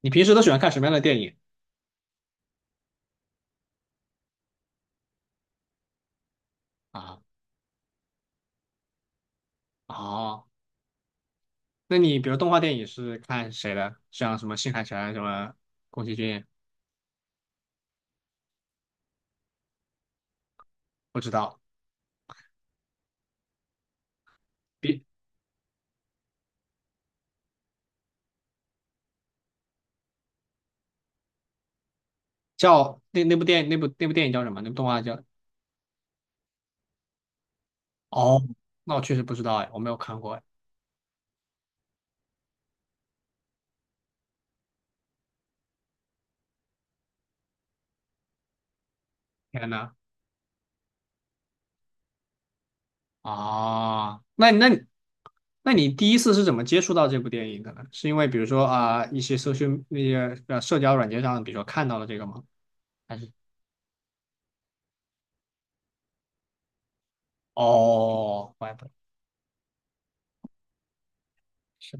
你平时都喜欢看什么样的电影啊？哦，那你比如动画电影是看谁的？像什么新海诚、什么宫崎骏，不知道。比叫那部电影，那部电影叫什么？那部动画叫……哦，那我确实不知道哎，我没有看过哎。天呐，啊，那你第一次是怎么接触到这部电影的呢？是因为比如说啊、一些社群那些社交软件上，比如说看到了这个吗？还是？哦，我也不得。是。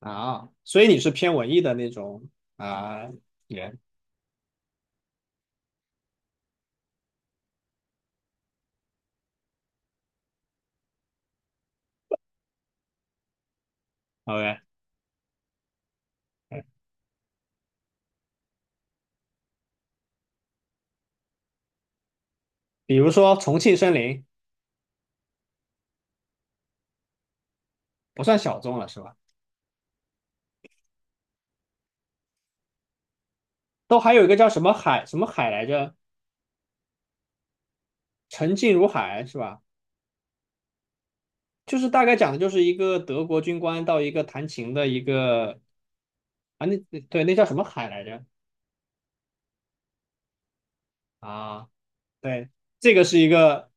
啊，所以你是偏文艺的那种啊，人，OK，比如说重庆森林不算小众了是吧？都还有一个叫什么海什么海来着，沉静如海是吧？就是大概讲的就是一个德国军官到一个弹琴的一个啊。那对，那叫什么海来着啊？对，这个是一个，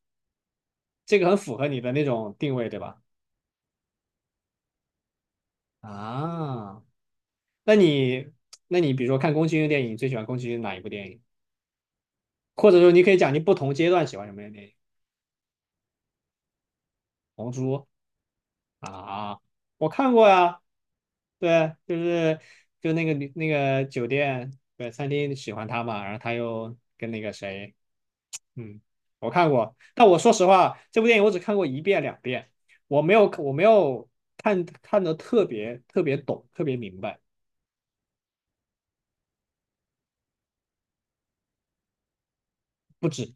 这个很符合你的那种定位对吧？啊，那你那你比如说看宫崎骏的电影，你最喜欢宫崎骏哪一部电影？或者说你可以讲你不同阶段喜欢什么样的电影？红猪啊，我看过呀，对，就那个女那个酒店对餐厅喜欢他嘛，然后他又跟那个谁，嗯，我看过，但我说实话，这部电影我只看过一遍两遍，我没有看的特别特别懂，特别明白，不止，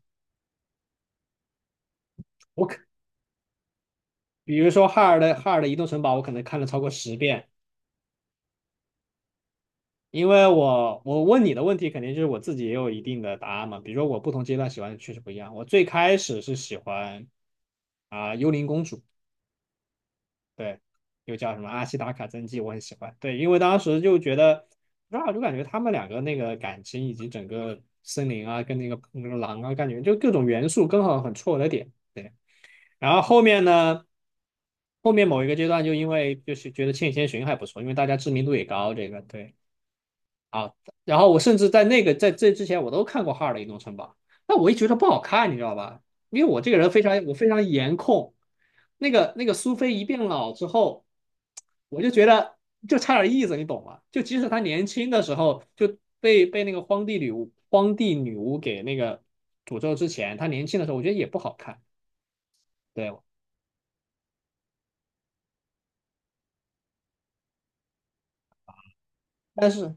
我可比如说哈尔的移动城堡，我可能看了超过10遍，因为我问你的问题，肯定就是我自己也有一定的答案嘛。比如说我不同阶段喜欢的确实不一样。我最开始是喜欢啊、幽灵公主，对，又叫什么阿西达卡真纪，我很喜欢。对，因为当时就觉得，不知道就感觉他们两个那个感情以及整个森林啊，跟那个那个狼啊，感觉就各种元素刚好很戳我的点。对，然后后面呢？后面某一个阶段，就因为就是觉得《千与千寻》还不错，因为大家知名度也高，这个对，啊，然后我甚至在那个在这之前我都看过哈尔的移动城堡，但我一觉得不好看，你知道吧？因为我这个人非常，我非常颜控，那个那个苏菲一变老之后，我就觉得就差点意思，你懂吗？就即使她年轻的时候就被那个荒地女巫给那个诅咒之前，她年轻的时候我觉得也不好看，对，但是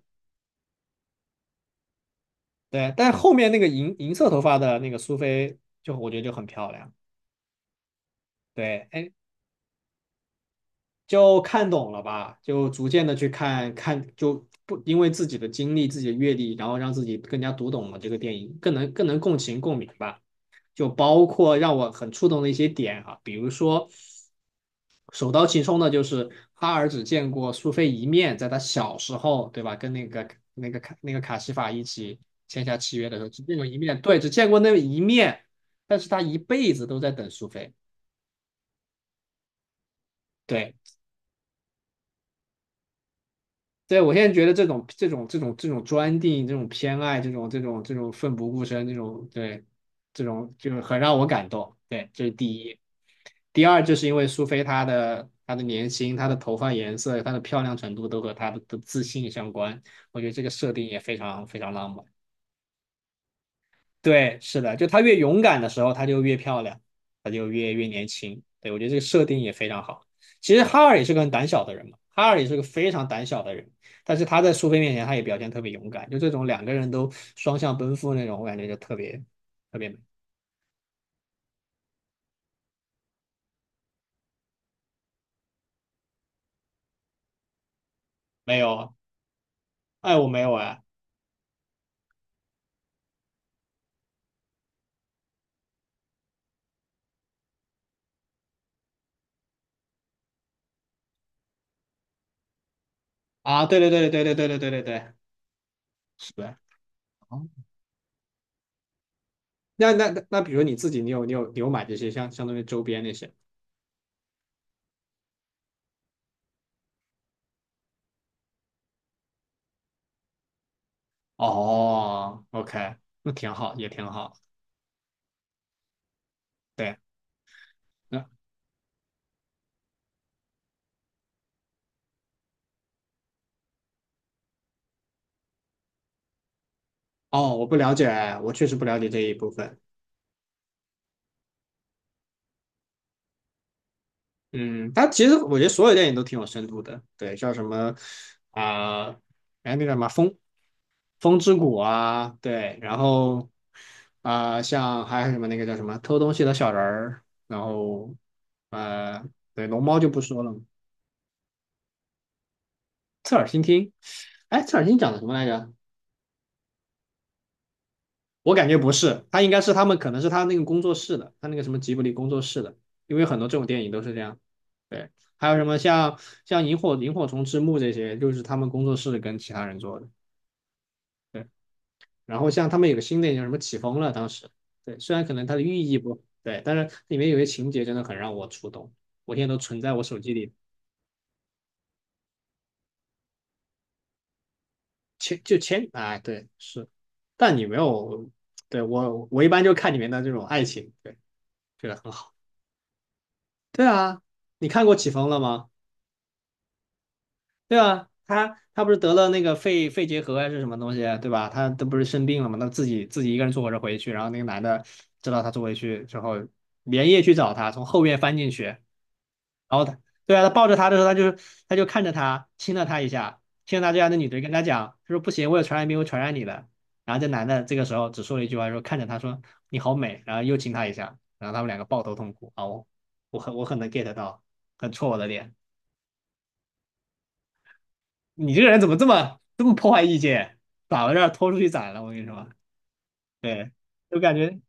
对，但是后面那个银色头发的那个苏菲就我觉得就很漂亮。对，哎，就看懂了吧，就逐渐的去看看，就不，因为自己的经历、自己的阅历，然后让自己更加读懂了这个电影，更能，更能共情共鸣吧。就包括让我很触动的一些点啊，比如说首当其冲的就是哈尔只见过苏菲一面，在他小时候，对吧？跟那个那个卡西法一起签下契约的时候，只见过一面，对，只见过那一面，但是他一辈子都在等苏菲。对，对，我现在觉得这种专定、这种偏爱、这种奋不顾身、这种，对，这种就是很让我感动。对，这是第一。第二，就是因为苏菲她的年轻、她的头发颜色、她的漂亮程度都和她的自信相关，我觉得这个设定也非常非常浪漫。对，是的，就她越勇敢的时候，她就越漂亮，她就越年轻。对，我觉得这个设定也非常好。其实哈尔也是个很胆小的人嘛，哈尔也是个非常胆小的人，但是他在苏菲面前，他也表现特别勇敢。就这种两个人都双向奔赴那种，我感觉就特别特别美。没有啊，哎，我没有哎，啊，对对对对对对对对对对，是的。哦，那比如你自己，你有买这些相当于周边那些？哦，OK，那挺好，也挺好。对，那。哦，我不了解，我确实不了解这一部分。嗯，它其实我觉得所有电影都挺有深度的，对，像什么啊，哎、那个什么《风之谷》啊，对，然后啊、像还有什么那个叫什么偷东西的小人儿，然后呃，对，龙猫就不说了嘛，侧耳倾听，哎，侧耳倾听讲的什么来着？我感觉不是，他应该是，他们可能是他那个工作室的，他那个什么吉卜力工作室的，因为很多这种电影都是这样。对，还有什么像像萤火虫之墓这些，就是他们工作室跟其他人做的。对，然后像他们有个新的叫什么起风了，当时，对，虽然可能它的寓意不对，但是里面有些情节真的很让我触动，我现在都存在我手机里。前就前，哎，对是，但你没有，对，我一般就看里面的这种爱情，对，觉得很好。对啊，你看过起风了吗？对啊，他他不是得了那个肺结核还是什么东西，对吧？他都不是生病了嘛，他自己一个人坐火车回去，然后那个男的知道他坐回去之后，连夜去找他，从后院翻进去，然后他，对啊，他抱着他的时候，他就，他就看着他，亲了他一下，亲了他，这样的女的跟他讲，他说不行，我有传染病，会传染你的。然后这男的这个时候只说了一句话，说看着他说你好美，然后又亲他一下，然后他们两个抱头痛哭啊，我，我很能 get 到，很戳我的脸。你这个人怎么这么破坏意见，把我这儿拖出去宰了？我跟你说，对，就感觉，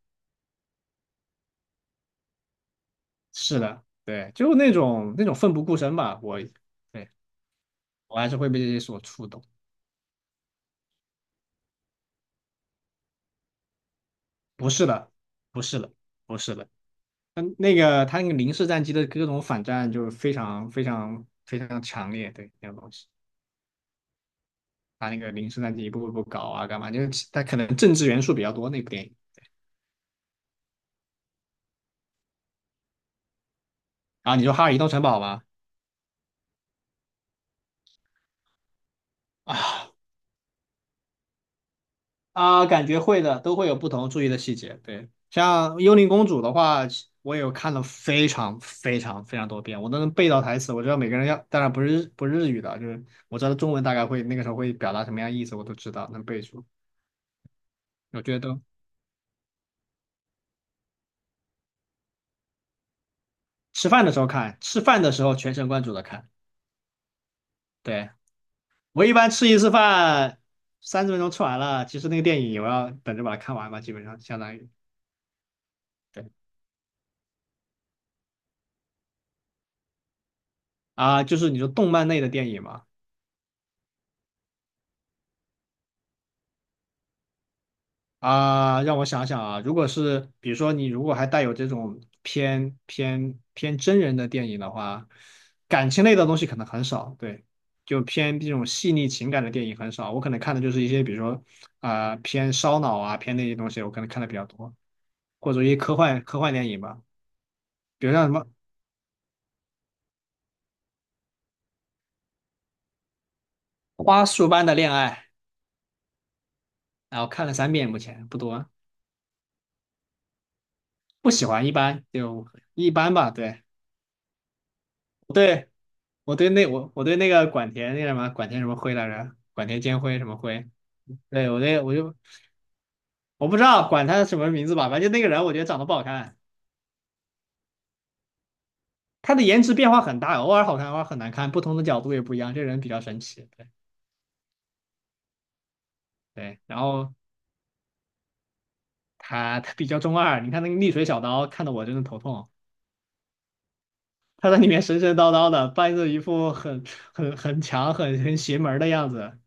是的，对，就那种那种奋不顾身吧。我，对，我还是会被这些所触动。不是的，不是的，不是的。嗯，那个他那个零式战机的各种反战就是非常非常非常强烈，对那种东西。他那个零式战机一步步搞啊，干嘛？就是他可能政治元素比较多那部电影。然后你说《哈尔移动城堡》吗？啊。啊，感觉会的，都会有不同注意的细节。对，像《幽灵公主》的话，我也有看了非常非常非常多遍，我都能背到台词。我知道每个人要，当然不是，不是日语的，就是我知道中文大概会那个时候会表达什么样意思，我都知道能背住。我觉得都，吃饭的时候看，吃饭的时候全神贯注的看。对，我一般吃一次饭，30分钟吃完了，其实那个电影我要等着把它看完吧，基本上相当于，对啊，就是你说动漫类的电影嘛。啊，让我想想啊，如果是比如说你如果还带有这种偏真人的电影的话，感情类的东西可能很少，对，就偏这种细腻情感的电影很少。我可能看的就是一些比如说啊、偏烧脑啊偏那些东西，我可能看的比较多，或者一些科幻电影吧，比如像什么《花束般的恋爱》，然后看了3遍，目前不多，不喜欢，一般就一般吧，对。对，我对那个管田，那个什么管田什么辉来着，管田兼辉什么辉，对我就，我不知道管他什么名字吧，反正就那个人我觉得长得不好看，他的颜值变化很大，偶尔好看，偶尔很难看，不同的角度也不一样，这人比较神奇。对，对，然后他比较中二，你看那个溺水小刀看得我真的头痛，他在里面神神叨叨的，扮着一副很很强很邪门儿的样子，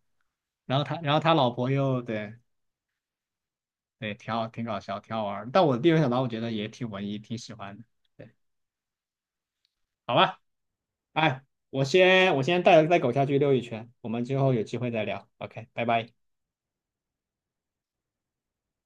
然后他老婆又，对。对，挺好，挺搞笑，挺好玩儿。但我第一回想到，我觉得也挺文艺，挺喜欢的。对，好吧，哎，我先带带狗下去溜一圈，我们之后有机会再聊。OK，拜拜。